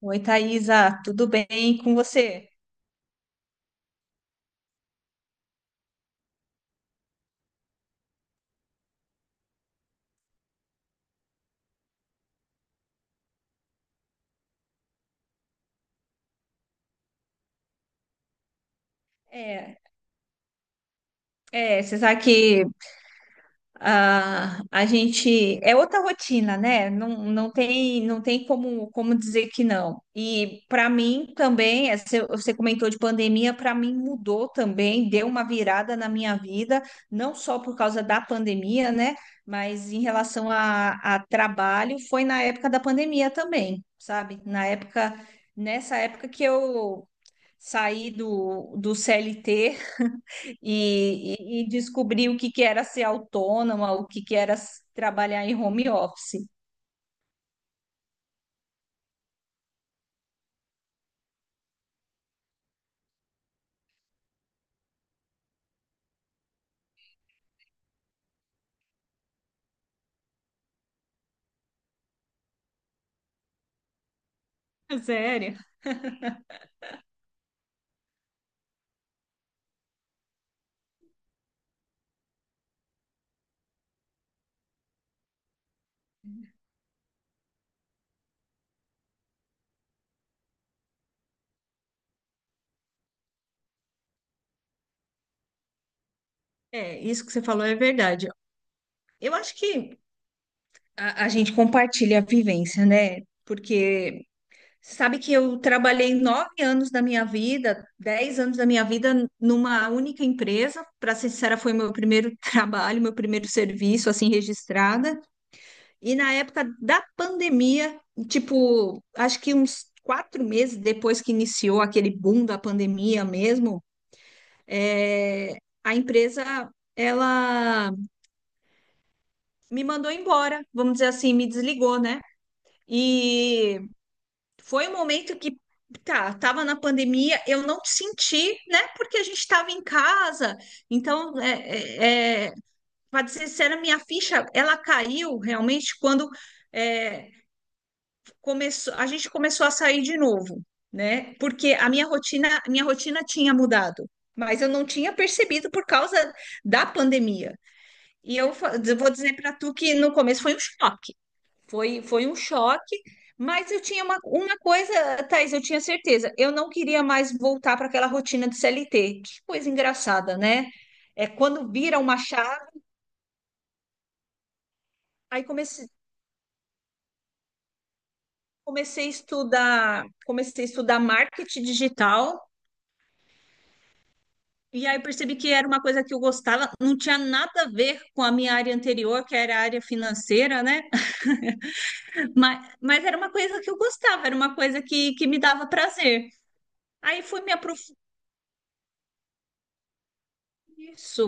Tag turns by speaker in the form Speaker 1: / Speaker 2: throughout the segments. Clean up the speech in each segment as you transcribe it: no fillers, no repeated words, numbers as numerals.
Speaker 1: Oi, Thaisa, tudo bem com você? É, é, você sabe que a gente é outra rotina, né? Não, não tem como dizer que não. E para mim também, você comentou de pandemia, para mim mudou também, deu uma virada na minha vida, não só por causa da pandemia, né? Mas em relação a trabalho, foi na época da pandemia também, sabe? Na época, nessa época que eu sair do CLT e descobrir o que que era ser autônoma, o que que era trabalhar em home office. Sério? É, isso que você falou é verdade. Eu acho que a gente compartilha a vivência, né? Porque sabe que eu trabalhei 9 anos da minha vida, 10 anos da minha vida numa única empresa. Para ser sincera, foi meu primeiro trabalho, meu primeiro serviço, assim, registrada. E na época da pandemia, tipo, acho que uns 4 meses depois que iniciou aquele boom da pandemia mesmo, é, a empresa ela me mandou embora, vamos dizer assim, me desligou, né? E foi um momento que tá, tava na pandemia, eu não senti, né? Porque a gente estava em casa, então para dizer sério, a minha ficha ela caiu realmente quando é, a gente começou a sair de novo, né? Porque minha rotina tinha mudado, mas eu não tinha percebido por causa da pandemia. E eu vou dizer para tu que no começo foi um choque. Foi um choque, mas eu tinha uma coisa, Thaís, eu tinha certeza. Eu não queria mais voltar para aquela rotina de CLT. Que coisa engraçada, né? É quando vira uma chave, aí comecei a estudar marketing digital. E aí percebi que era uma coisa que eu gostava, não tinha nada a ver com a minha área anterior, que era a área financeira, né? Mas era uma coisa que eu gostava, era uma coisa que me dava prazer. Aí fui me aprofundar nisso.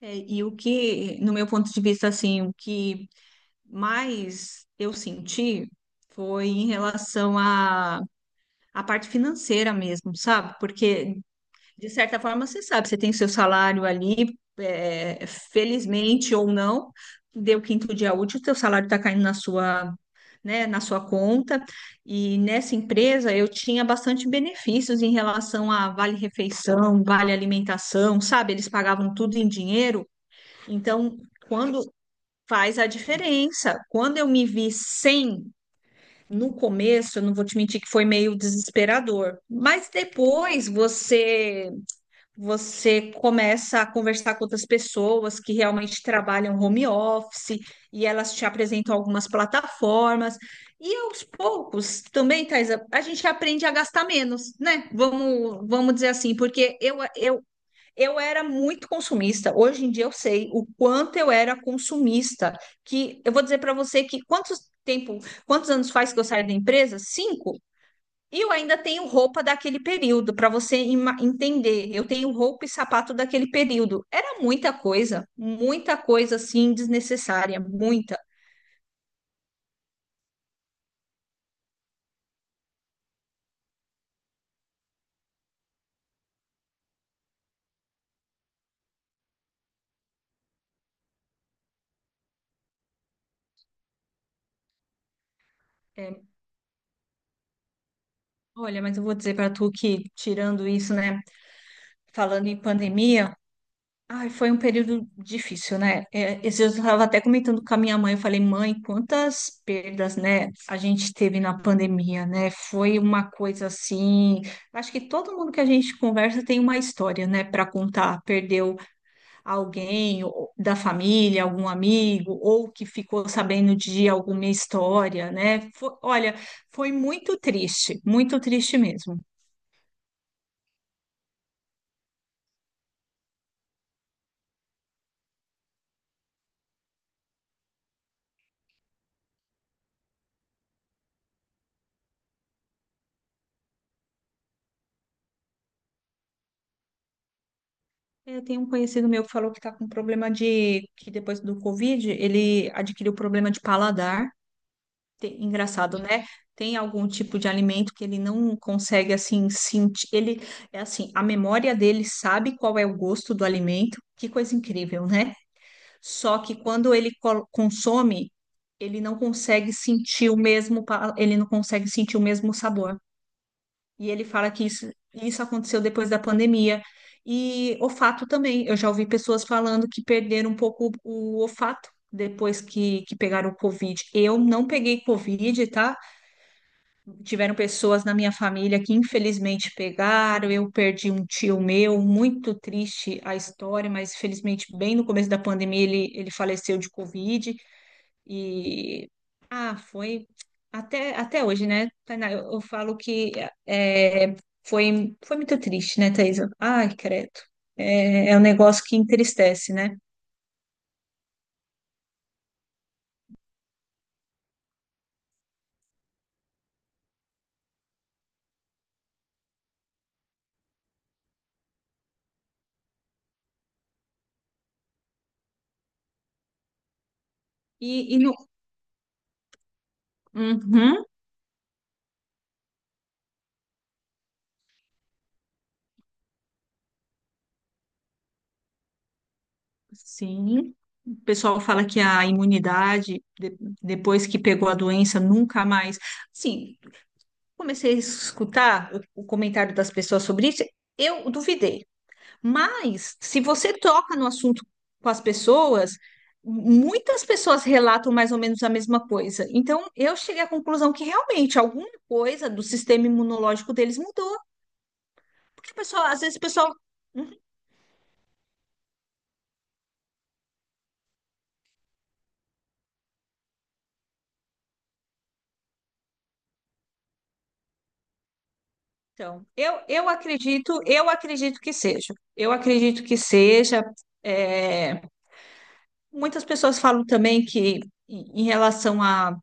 Speaker 1: É, e o que, no meu ponto de vista, assim, o que mais eu senti foi em relação à parte financeira mesmo, sabe? Porque, de certa forma, você sabe, você tem seu salário ali, felizmente ou não, deu quinto dia útil, teu salário está caindo na sua, né, na sua conta. E nessa empresa eu tinha bastante benefícios em relação a vale refeição, vale alimentação, sabe? Eles pagavam tudo em dinheiro. Então, quando faz a diferença, quando eu me vi sem no começo, eu não vou te mentir que foi meio desesperador, mas depois você começa a conversar com outras pessoas que realmente trabalham home office e elas te apresentam algumas plataformas. E aos poucos, também, Thais, a gente aprende a gastar menos, né? Vamos dizer assim, porque eu era muito consumista. Hoje em dia eu sei o quanto eu era consumista. Que eu vou dizer para você que tempo, quantos anos faz que eu saio da empresa? Cinco? E eu ainda tenho roupa daquele período, para você entender. Eu tenho roupa e sapato daquele período. Era muita coisa assim desnecessária, muita. É, olha, mas eu vou dizer para tu que, tirando isso, né, falando em pandemia, ai, foi um período difícil, né? É, esses dias eu estava até comentando com a minha mãe, eu falei, mãe, quantas perdas, né, a gente teve na pandemia, né? Foi uma coisa assim. Acho que todo mundo que a gente conversa tem uma história, né, para contar. Perdeu alguém da família, algum amigo, ou que ficou sabendo de alguma história, né? Olha, foi muito triste mesmo. Eu tenho um conhecido meu que falou que está com que depois do Covid, ele adquiriu problema de paladar. Engraçado, né? Tem algum tipo de alimento que ele não consegue, assim, sentir. Ele, é assim, a memória dele sabe qual é o gosto do alimento. Que coisa incrível, né? Só que quando ele consome, ele não consegue sentir o mesmo, ele não consegue sentir o mesmo sabor. E ele fala que isso aconteceu depois da pandemia. E olfato também. Eu já ouvi pessoas falando que perderam um pouco o olfato depois que pegaram o Covid. Eu não peguei Covid, tá? Tiveram pessoas na minha família que infelizmente pegaram. Eu perdi um tio meu, muito triste a história, mas felizmente bem no começo da pandemia ele faleceu de Covid. E foi até hoje, né, Tainá? Eu falo que é, foi muito triste, né, Thaisa? Ai, credo. É. É um negócio que entristece, né? E no. Uhum. Sim. O pessoal fala que a imunidade, depois que pegou a doença, nunca mais. Sim, comecei a escutar o comentário das pessoas sobre isso, eu duvidei. Mas, se você toca no assunto com as pessoas, muitas pessoas relatam mais ou menos a mesma coisa. Então, eu cheguei à conclusão que realmente alguma coisa do sistema imunológico deles mudou, porque a pessoa, às vezes o pessoal. Uhum. Então, eu acredito que seja. Eu acredito que seja. é, Muitas pessoas falam também que em relação a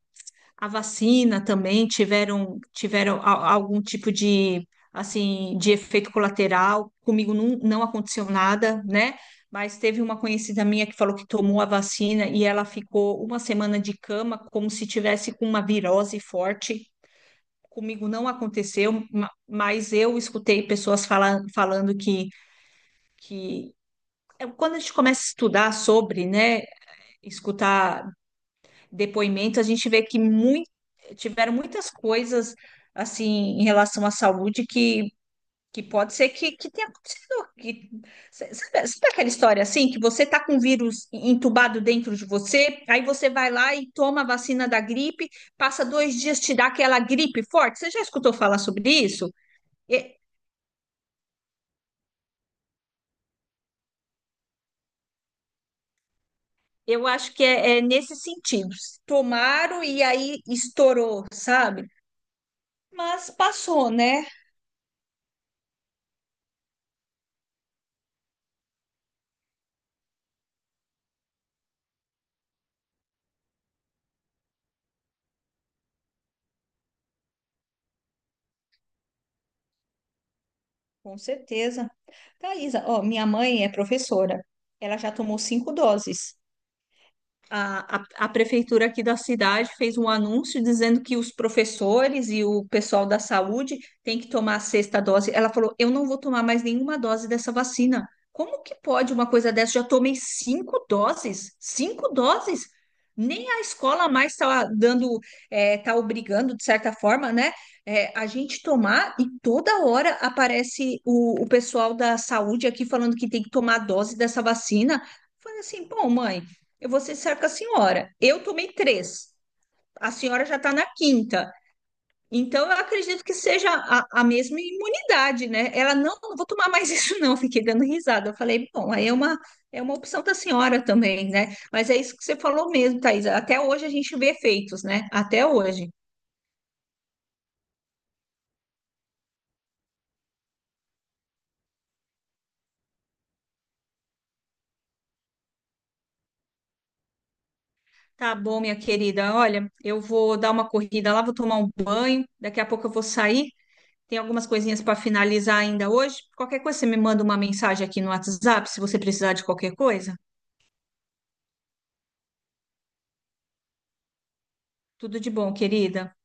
Speaker 1: a vacina também tiveram algum tipo de assim de efeito colateral. Comigo não aconteceu nada, né? Mas teve uma conhecida minha que falou que tomou a vacina e ela ficou uma semana de cama, como se tivesse com uma virose forte. Comigo não aconteceu, mas eu escutei pessoas falando que quando a gente começa a estudar sobre, né, escutar depoimentos, a gente vê que muito, tiveram muitas coisas assim em relação à saúde que pode ser que tenha acontecido. Que, sabe, sabe aquela história assim, que você está com vírus entubado dentro de você, aí você vai lá e toma a vacina da gripe, passa 2 dias, te dá aquela gripe forte. Você já escutou falar sobre isso? E- Eu acho que é nesse sentido. Tomaram e aí estourou, sabe? Mas passou, né? Com certeza. Thaisa, ó, minha mãe é professora. Ela já tomou 5 doses. A prefeitura aqui da cidade fez um anúncio dizendo que os professores e o pessoal da saúde têm que tomar a sexta dose. Ela falou: Eu não vou tomar mais nenhuma dose dessa vacina. Como que pode uma coisa dessa? Já tomei 5 doses, 5 doses. Nem a escola mais está dando, está obrigando, de certa forma, né? A gente tomar e toda hora aparece o pessoal da saúde aqui falando que tem que tomar a dose dessa vacina. Falei assim, pô, mãe, eu vou ser sincera com a senhora. Eu tomei três, a senhora já está na quinta. Então, eu acredito que seja a mesma imunidade, né? Ela não, não vou tomar mais isso, não. Fiquei dando risada. Eu falei, bom, aí é uma opção da senhora também, né? Mas é isso que você falou mesmo, Thaís. Até hoje a gente vê efeitos, né? Até hoje. Tá bom, minha querida. Olha, eu vou dar uma corrida lá, vou tomar um banho. Daqui a pouco eu vou sair. Tem algumas coisinhas para finalizar ainda hoje. Qualquer coisa, você me manda uma mensagem aqui no WhatsApp se você precisar de qualquer coisa. Tudo de bom, querida.